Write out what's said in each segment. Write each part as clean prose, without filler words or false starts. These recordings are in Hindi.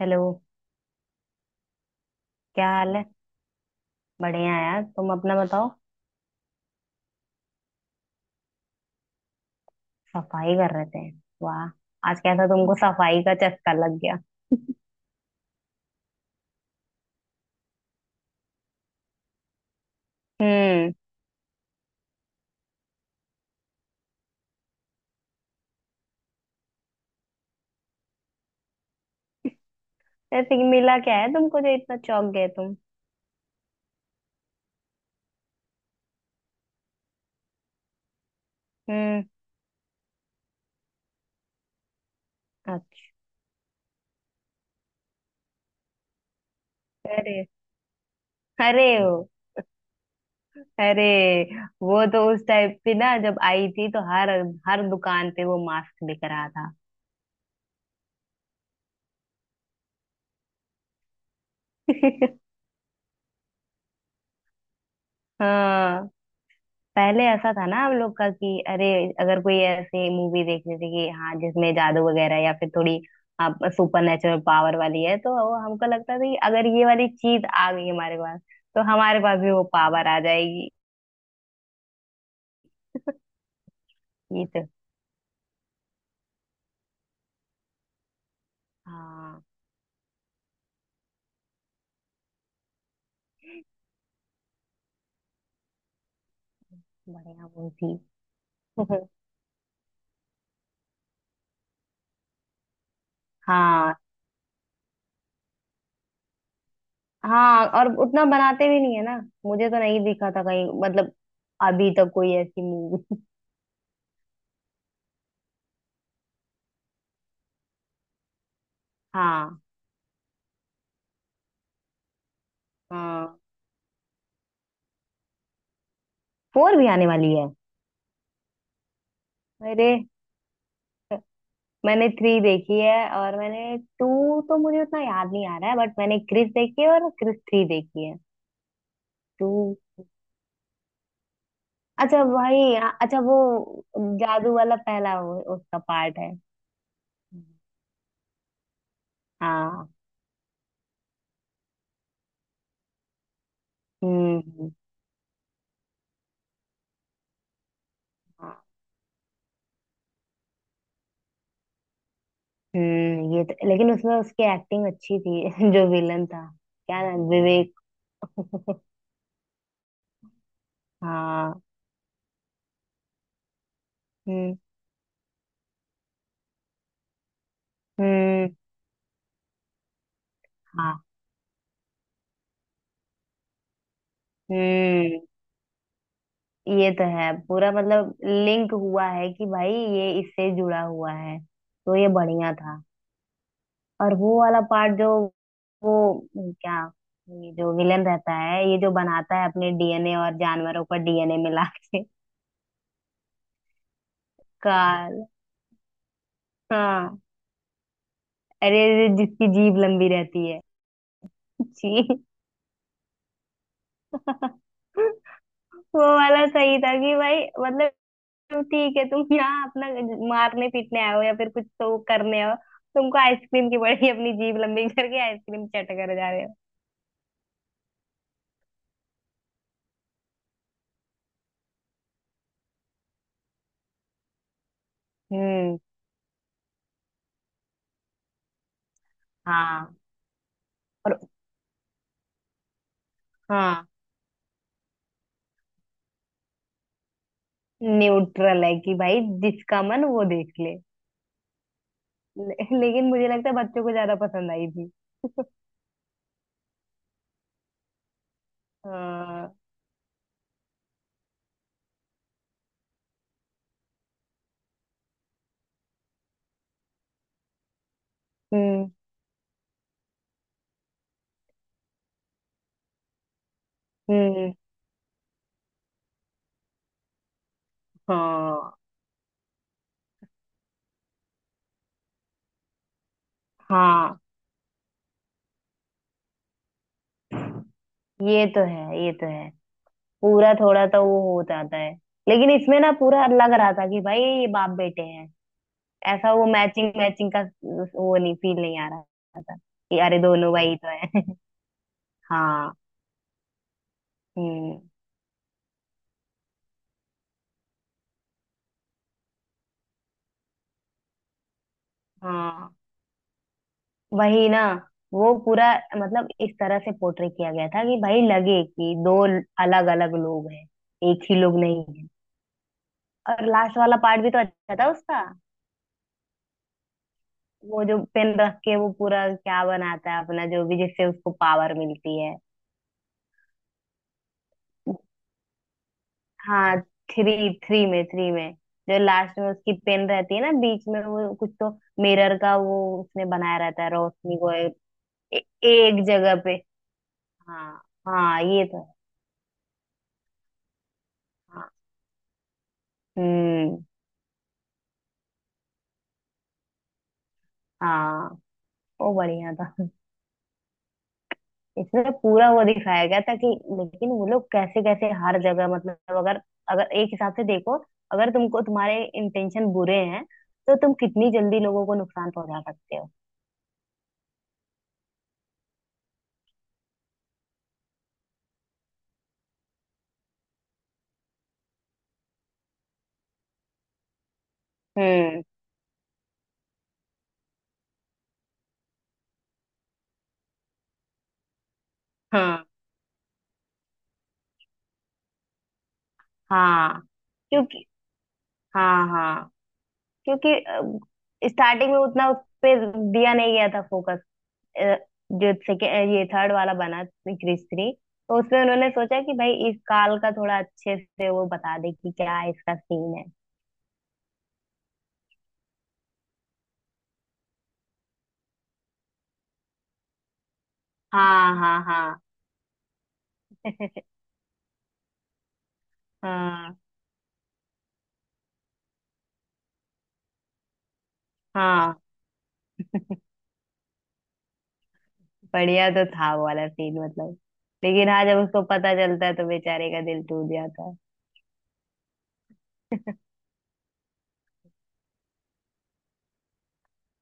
हेलो। क्या हाल है। बढ़िया है यार, तुम अपना बताओ। सफाई कर रहे थे। वाह, आज कैसा तुमको सफाई का चस्का लग गया। हम्म। ऐसे कि मिला क्या है तुमको जो इतना चौंक गए तुम। हम्म। अच्छा। अरे। अरे ओ। अरे वो तो उस टाइम पे ना, जब आई थी तो हर हर दुकान पे वो मास्क बिक रहा था। हाँ। पहले ऐसा था ना हम लोग का कि अरे, अगर कोई ऐसी मूवी देखनी थी कि हाँ जिसमें जादू वगैरह या फिर थोड़ी आप सुपर नेचुरल पावर वाली है तो वो हमको लगता था कि अगर ये वाली चीज आ गई हमारे पास तो हमारे पास भी वो पावर आ जाएगी। ये तो। हाँ, बढ़िया वो थी। हाँ। हाँ, और उतना बनाते भी नहीं है ना। मुझे तो नहीं दिखा था कहीं, मतलब अभी तक कोई ऐसी मूवी। हाँ। हाँ, फोर भी आने वाली है। अरे, मैंने थ्री देखी है और मैंने टू तो मुझे उतना याद नहीं आ रहा है, बट मैंने क्रिस देखी है और क्रिस थ्री देखी है। टू। अच्छा भाई। अच्छा वो जादू वाला पहला वो, उसका पार्ट है। हाँ। हम्म। हाँ। हम्म। ये तो, लेकिन उसमें उसकी एक्टिंग अच्छी थी जो विलन था। क्या नाम, विवेक। हाँ। हम्म हम्म। हाँ। हम्म। ये तो है, पूरा मतलब लिंक हुआ है कि भाई ये इससे जुड़ा हुआ है, तो ये बढ़िया था। और वो वाला पार्ट जो वो क्या, ये जो विलन रहता है, ये जो बनाता है अपने डीएनए और जानवरों का डीएनए मिला के। काल। हाँ। अरे अरे, जिसकी जीभ लंबी रहती है। जी। वो वाला सही था कि भाई मतलब ठीक है, तुम यहाँ अपना मारने पीटने आए हो या फिर कुछ तो करने आओ। तुमको आइसक्रीम की बड़ी अपनी जीभ लंबी करके आइसक्रीम चट कर जा रहे हो। हम्म। हाँ। और हाँ न्यूट्रल है कि भाई जिसका मन वो देख ले। ले, लेकिन मुझे लगता है बच्चों को ज्यादा पसंद आई थी। हाँ। हम्म हम्म। हाँ। हाँ, ये तो है, ये तो है। पूरा थोड़ा तो वो हो जाता है। लेकिन इसमें ना पूरा लग रहा था कि भाई ये बाप बेटे हैं। ऐसा वो मैचिंग मैचिंग का वो नहीं, फील नहीं आ रहा था कि अरे दोनों भाई तो है। हाँ। हम्म। हाँ, वही ना। वो पूरा मतलब इस तरह से पोर्ट्रे किया गया था कि भाई लगे कि दो अलग अलग लोग हैं, एक ही लोग नहीं है। और लास्ट वाला पार्ट भी तो अच्छा था उसका। वो जो पेन रख के वो पूरा क्या बनाता है अपना, जो भी जिससे उसको पावर मिलती है। हाँ। थ्री थ्री में जो लास्ट में उसकी पेन रहती है ना बीच में वो कुछ तो मिरर का वो उसने बनाया रहता है रोशनी को ए, ए, एक जगह पे। हाँ हाँ, ये तो है। हाँ। हम्म। हाँ, वो बढ़िया था। इसमें पूरा वो दिखाया गया था कि लेकिन वो लोग कैसे कैसे हर जगह, मतलब अगर अगर एक हिसाब से देखो, अगर तुमको तुम्हारे इंटेंशन बुरे हैं तो तुम कितनी जल्दी लोगों को नुकसान पहुंचा सकते हो। हम्म। हाँ। हाँ। क्योंकि हाँ हाँ, क्योंकि स्टार्टिंग में उतना उस पे दिया नहीं गया था फोकस, जो ये थर्ड वाला बना, क्रिस थ्री। तो उसमें उन्होंने सोचा कि भाई इस काल का थोड़ा अच्छे से वो बता दे कि क्या इसका सीन है। हाँ हाँ हाँ हाँ हाँ। बढ़िया तो था वो वाला सीन, मतलब लेकिन हाँ जब उसको पता चलता है तो बेचारे का दिल टूट जाता है।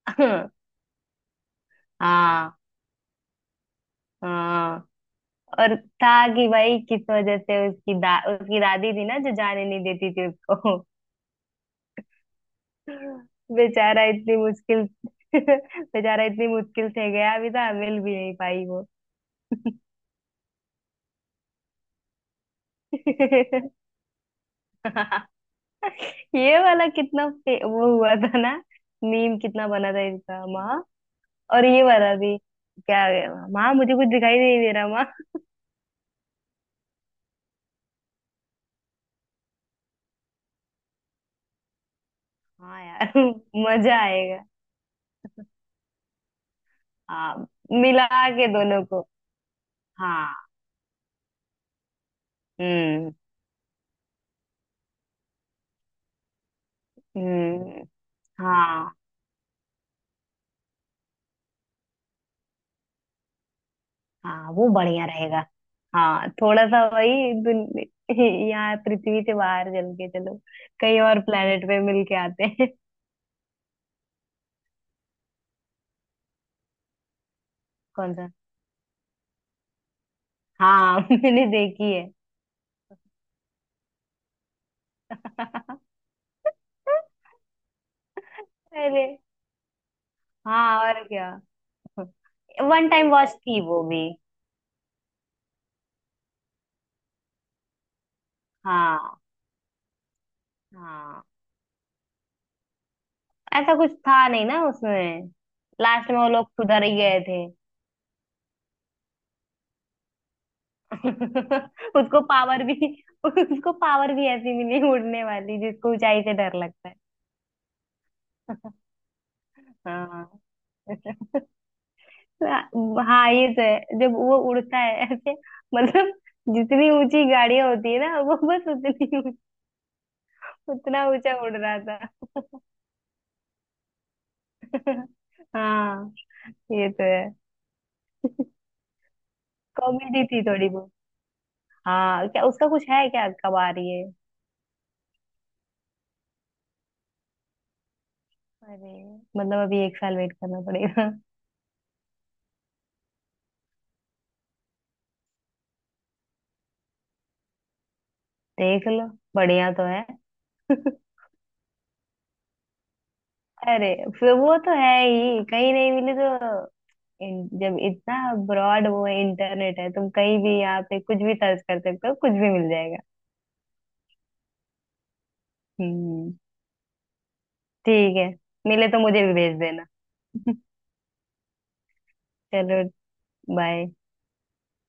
हाँ। हाँ। और था कि भाई किस वजह से उसकी दा उसकी दादी थी ना जो जाने नहीं देती थी उसको। बेचारा इतनी मुश्किल। बेचारा इतनी मुश्किल से गया अभी था, मिल भी नहीं पाई वो। ये वाला कितना वो हुआ था ना। मीम कितना बना था इसका। और ये वाला भी। क्या गया, माँ मुझे कुछ दिखाई नहीं दे रहा माँ। हाँ यार, यार मजा आएगा। हाँ, मिला के दोनों को। हाँ। हम्म हम्म। हाँ। हाँ, वो बढ़िया रहेगा। हाँ, थोड़ा सा वही यहाँ पृथ्वी से बाहर चल के चलो, कहीं और प्लेनेट पे मिल के आते हैं। कौन सा। हाँ, मैंने देखी है। अरे। हाँ और क्या। वन टाइम वॉच थी वो भी। हाँ। हाँ, ऐसा कुछ था नहीं ना उसमें। लास्ट में वो लोग सुधर ही गए थे। उसको पावर भी। उसको पावर भी ऐसी मिली उड़ने वाली जिसको ऊंचाई से डर लगता है। हाँ। हाँ ये तो है, जब वो उड़ता है ऐसे मतलब जितनी ऊंची गाड़ियां होती है ना वो बस उतनी उतना ऊंचा उड़ रहा था। हाँ, ये तो है। कॉमेडी थी थोड़ी बहुत। हाँ, क्या उसका कुछ है, क्या कब आ रही है। अरे, मतलब अभी 1 साल वेट करना पड़ेगा। देख लो, बढ़िया तो है। अरे फिर वो तो है ही, कहीं नहीं मिली तो। जब इतना ब्रॉड वो है, इंटरनेट है, तुम कहीं भी यहाँ पे कुछ भी सर्च कर सकते हो, कुछ भी मिल जाएगा। हम्म। ठीक है। मिले तो मुझे भी भेज देना। चलो। बाय।